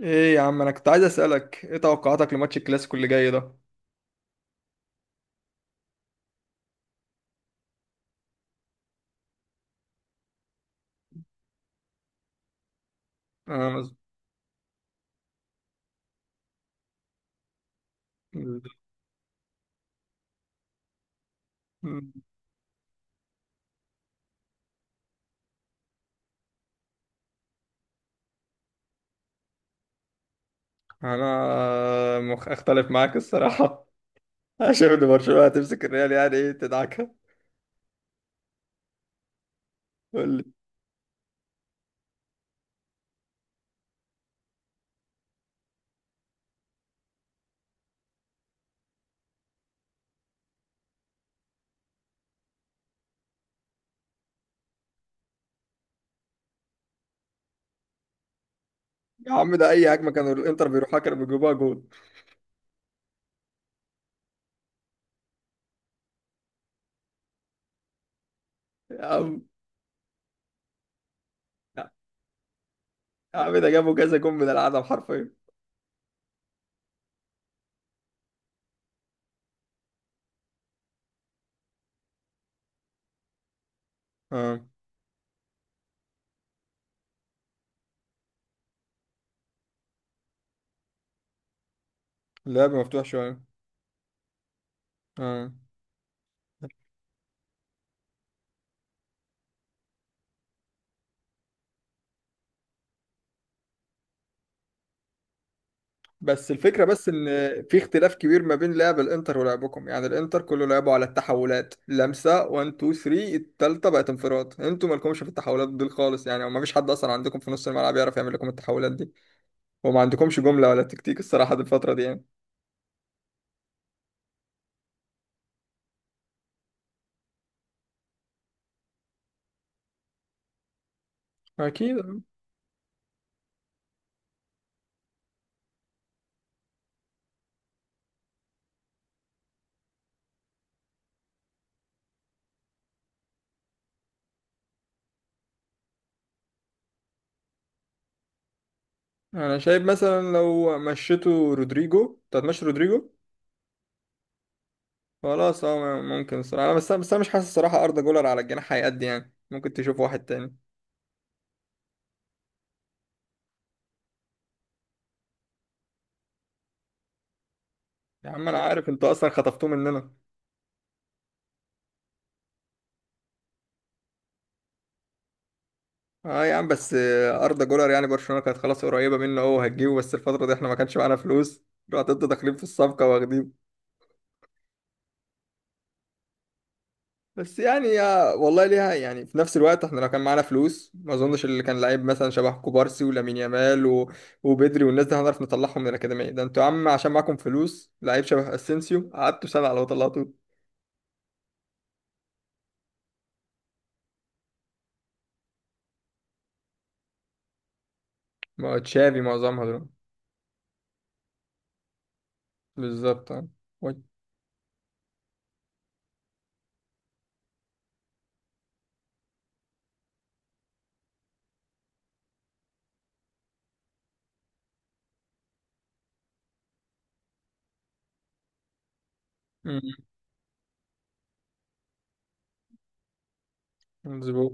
ايه يا عم، انا كنت عايز اسالك ايه توقعاتك لماتش الكلاسيكو اللي جاي ده. انا مز... اختلف معاك الصراحه. انا شايف ان برشلونه هتمسك الريال، يعني ايه، تدعكها. قول لي. يا عم، ده اي هجمه كانوا الانتر بيروحها كانوا بيجيبوها جول. يا عم، يا عم ده جابوا كذا جول من العدم حرفيا. اه، اللعب مفتوح شويه. اه، بس الفكرة إن في اختلاف كبير ما بين لعب الإنتر ولعبكم، يعني الإنتر كله لعبوا على التحولات، لمسة 1 2 3، التالتة بقت انفراد. انتوا مالكمش في التحولات دي خالص يعني، وما فيش حد أصلا عندكم في نص الملعب يعرف يعمل لكم التحولات دي. وما عندكمش جملة ولا تكتيك الصراحة دي الفترة دي يعني. أكيد. أنا شايف مثلا لو مشيتوا رودريجو، أنت هتمشي رودريجو. خلاص أه ممكن الصراحة، بس أنا مش حاسس الصراحة أردا جولر على الجناح هيأدي، يعني ممكن تشوف واحد تاني. يا عم، أنا عارف أنتوا أصلا خطفتوه مننا. اه يا عم، بس اردا جولر يعني برشلونه كانت خلاص قريبه منه، هو هتجيبه، بس الفتره دي احنا ما كانش معانا فلوس. رحت انتوا داخلين في الصفقه واخدين. بس يعني يا والله ليها يعني، في نفس الوقت احنا لو كان معانا فلوس، ما اظنش اللي كان لعيب مثلا شبه كوبارسي ولامين يامال و... وبدري والناس دي هنعرف نطلعهم من الاكاديميه. ده انتوا يا عم عشان معاكم فلوس، لعيب شبه اسينسيو قعدتوا سنه على ما طلعتوه. ما هو تشافي معظمها دول. بالظبط اه. و- مم، مظبوط.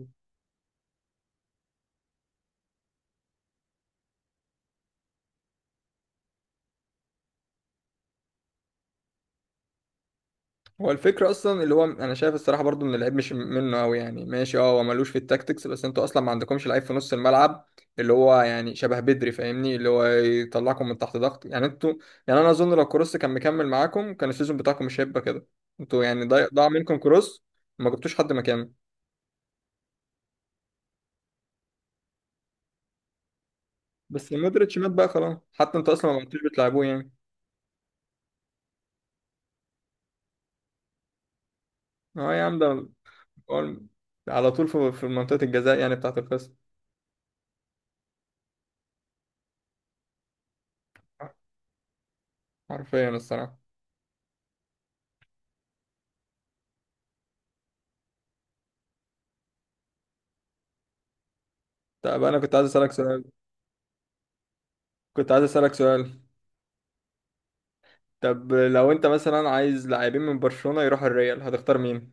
هو الفكرة أصلا اللي هو، أنا شايف الصراحة برضو إن اللعيب مش منه أوي، يعني ماشي أه هو ملوش في التاكتكس، بس أنتوا أصلا ما عندكمش لعيب في نص الملعب اللي هو يعني شبه بدري، فاهمني، اللي هو يطلعكم من تحت ضغط. يعني أنتوا، يعني أنا أظن لو كروس كان مكمل معاكم كان السيزون بتاعكم مش هيبقى كده. أنتوا يعني ضاع منكم كروس، ما جبتوش حد مكانه. بس مودريتش مات بقى خلاص، حتى أنتوا أصلا ما كنتوش بتلعبوه يعني. أه يا عم ده هو على طول في منطقة الجزاء يعني بتاعة الخصم. حرفيا الصراحة. طب أنا كنت عايز أسألك سؤال. كنت عايز أسألك سؤال. طب لو انت مثلا عايز لاعبين من برشلونة يروحوا الريال، هتختار مين؟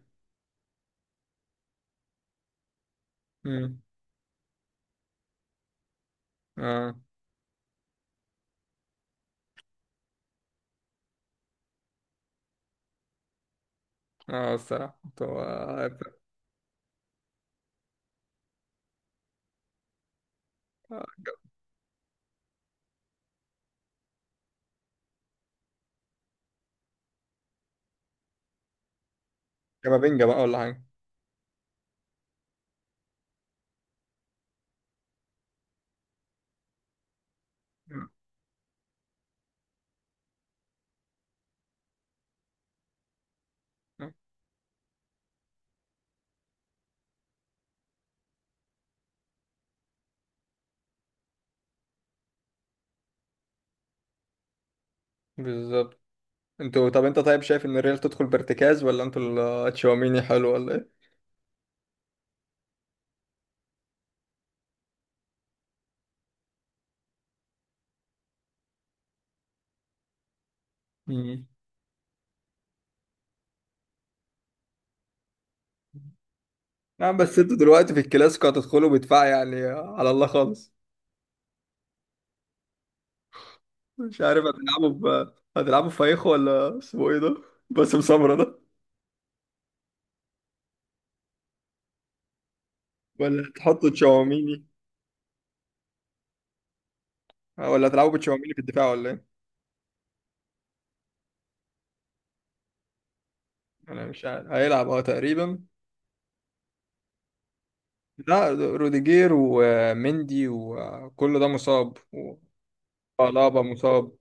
امم. اه. اه الصراحة انتوا. كامافينجا بقى ولا حاجة. مم. بالظبط. طب انت طيب، شايف ان الريال تدخل بارتكاز ولا انتوا تشاوميني حلو ولا ايه؟ امم. نعم، بس انتوا دلوقتي في الكلاسيكو هتدخلوا بدفاع يعني على الله خالص. مش عارف هتلعبوا. هتلعبوا فايخو ولا اسمه ايه ده؟ باسم سمرة ده. ولا تحطوا تشاوميني؟ اه، ولا هتلعبوا بتشاوميني في الدفاع ولا ايه؟ انا مش عارف، هيلعب تقريبا. لا، روديجير ومندي وكل ده مصاب. وألابا مصاب.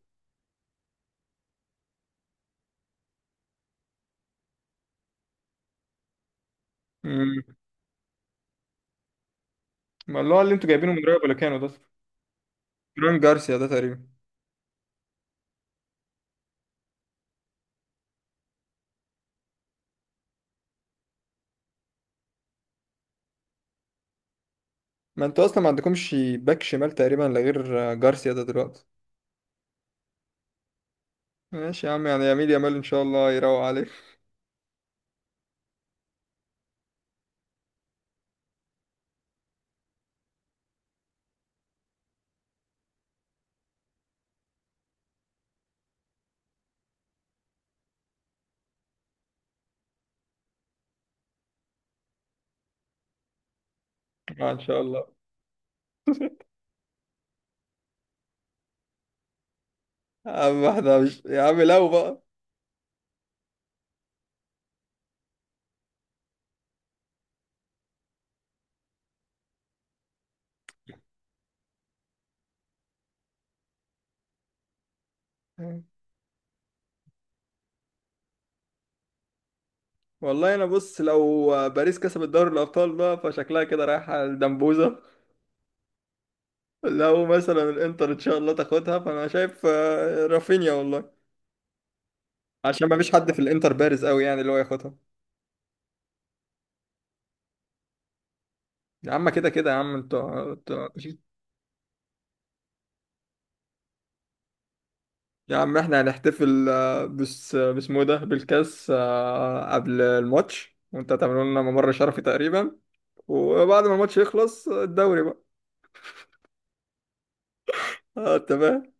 امم. ما اللي هو اللي انتوا جايبينه من رايو فاليكانو ده، فران جارسيا ده تقريبا. ما انتوا اصلا ما عندكمش باك شمال تقريبا، لا غير جارسيا ده دلوقتي. ماشي يا عم، يعني يميل يامال ان شاء الله يروق عليك. آه ان شاء الله. يا عم احنا مش يا عم لو بقى. والله انا بص، لو باريس كسبت دوري الابطال بقى فشكلها كده رايحه الدمبوزه. لو مثلا الانتر ان شاء الله تاخدها، فانا شايف رافينيا والله، عشان ما فيش حد في الانتر بارز قوي يعني اللي هو ياخدها. يا عم كده كده يا عم، انتوا. يا عم احنا هنحتفل بس باسمه ده بالكاس قبل الماتش، وانت هتعملوا لنا ممر شرفي تقريبا، وبعد ما الماتش يخلص الدوري بقى. اه تمام.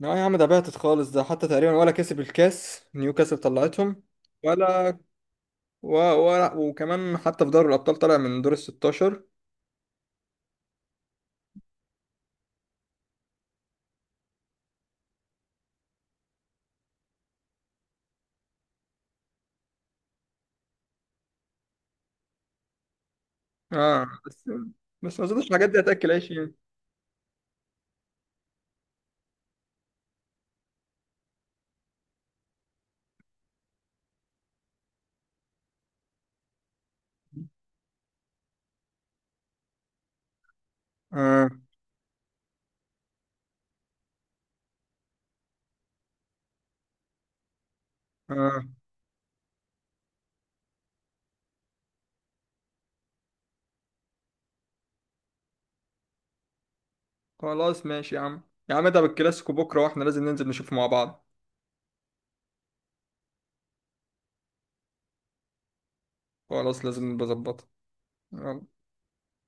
لا يا عم، ده بعتت خالص، ده حتى تقريبا ولا كسب الكاس، نيوكاسل طلعتهم. ولا ولا، وكمان حتى في دوري الابطال طلع من دور ال 16. اه بس. بس ما اظنش الحاجات دي هتاكل عيش يعني. اه اه. خلاص ماشي يا عم. يا عم ده بالكلاسيكو بكره، واحنا لازم ننزل نشوف مع بعض. خلاص، لازم نبقى نظبطها. يلا.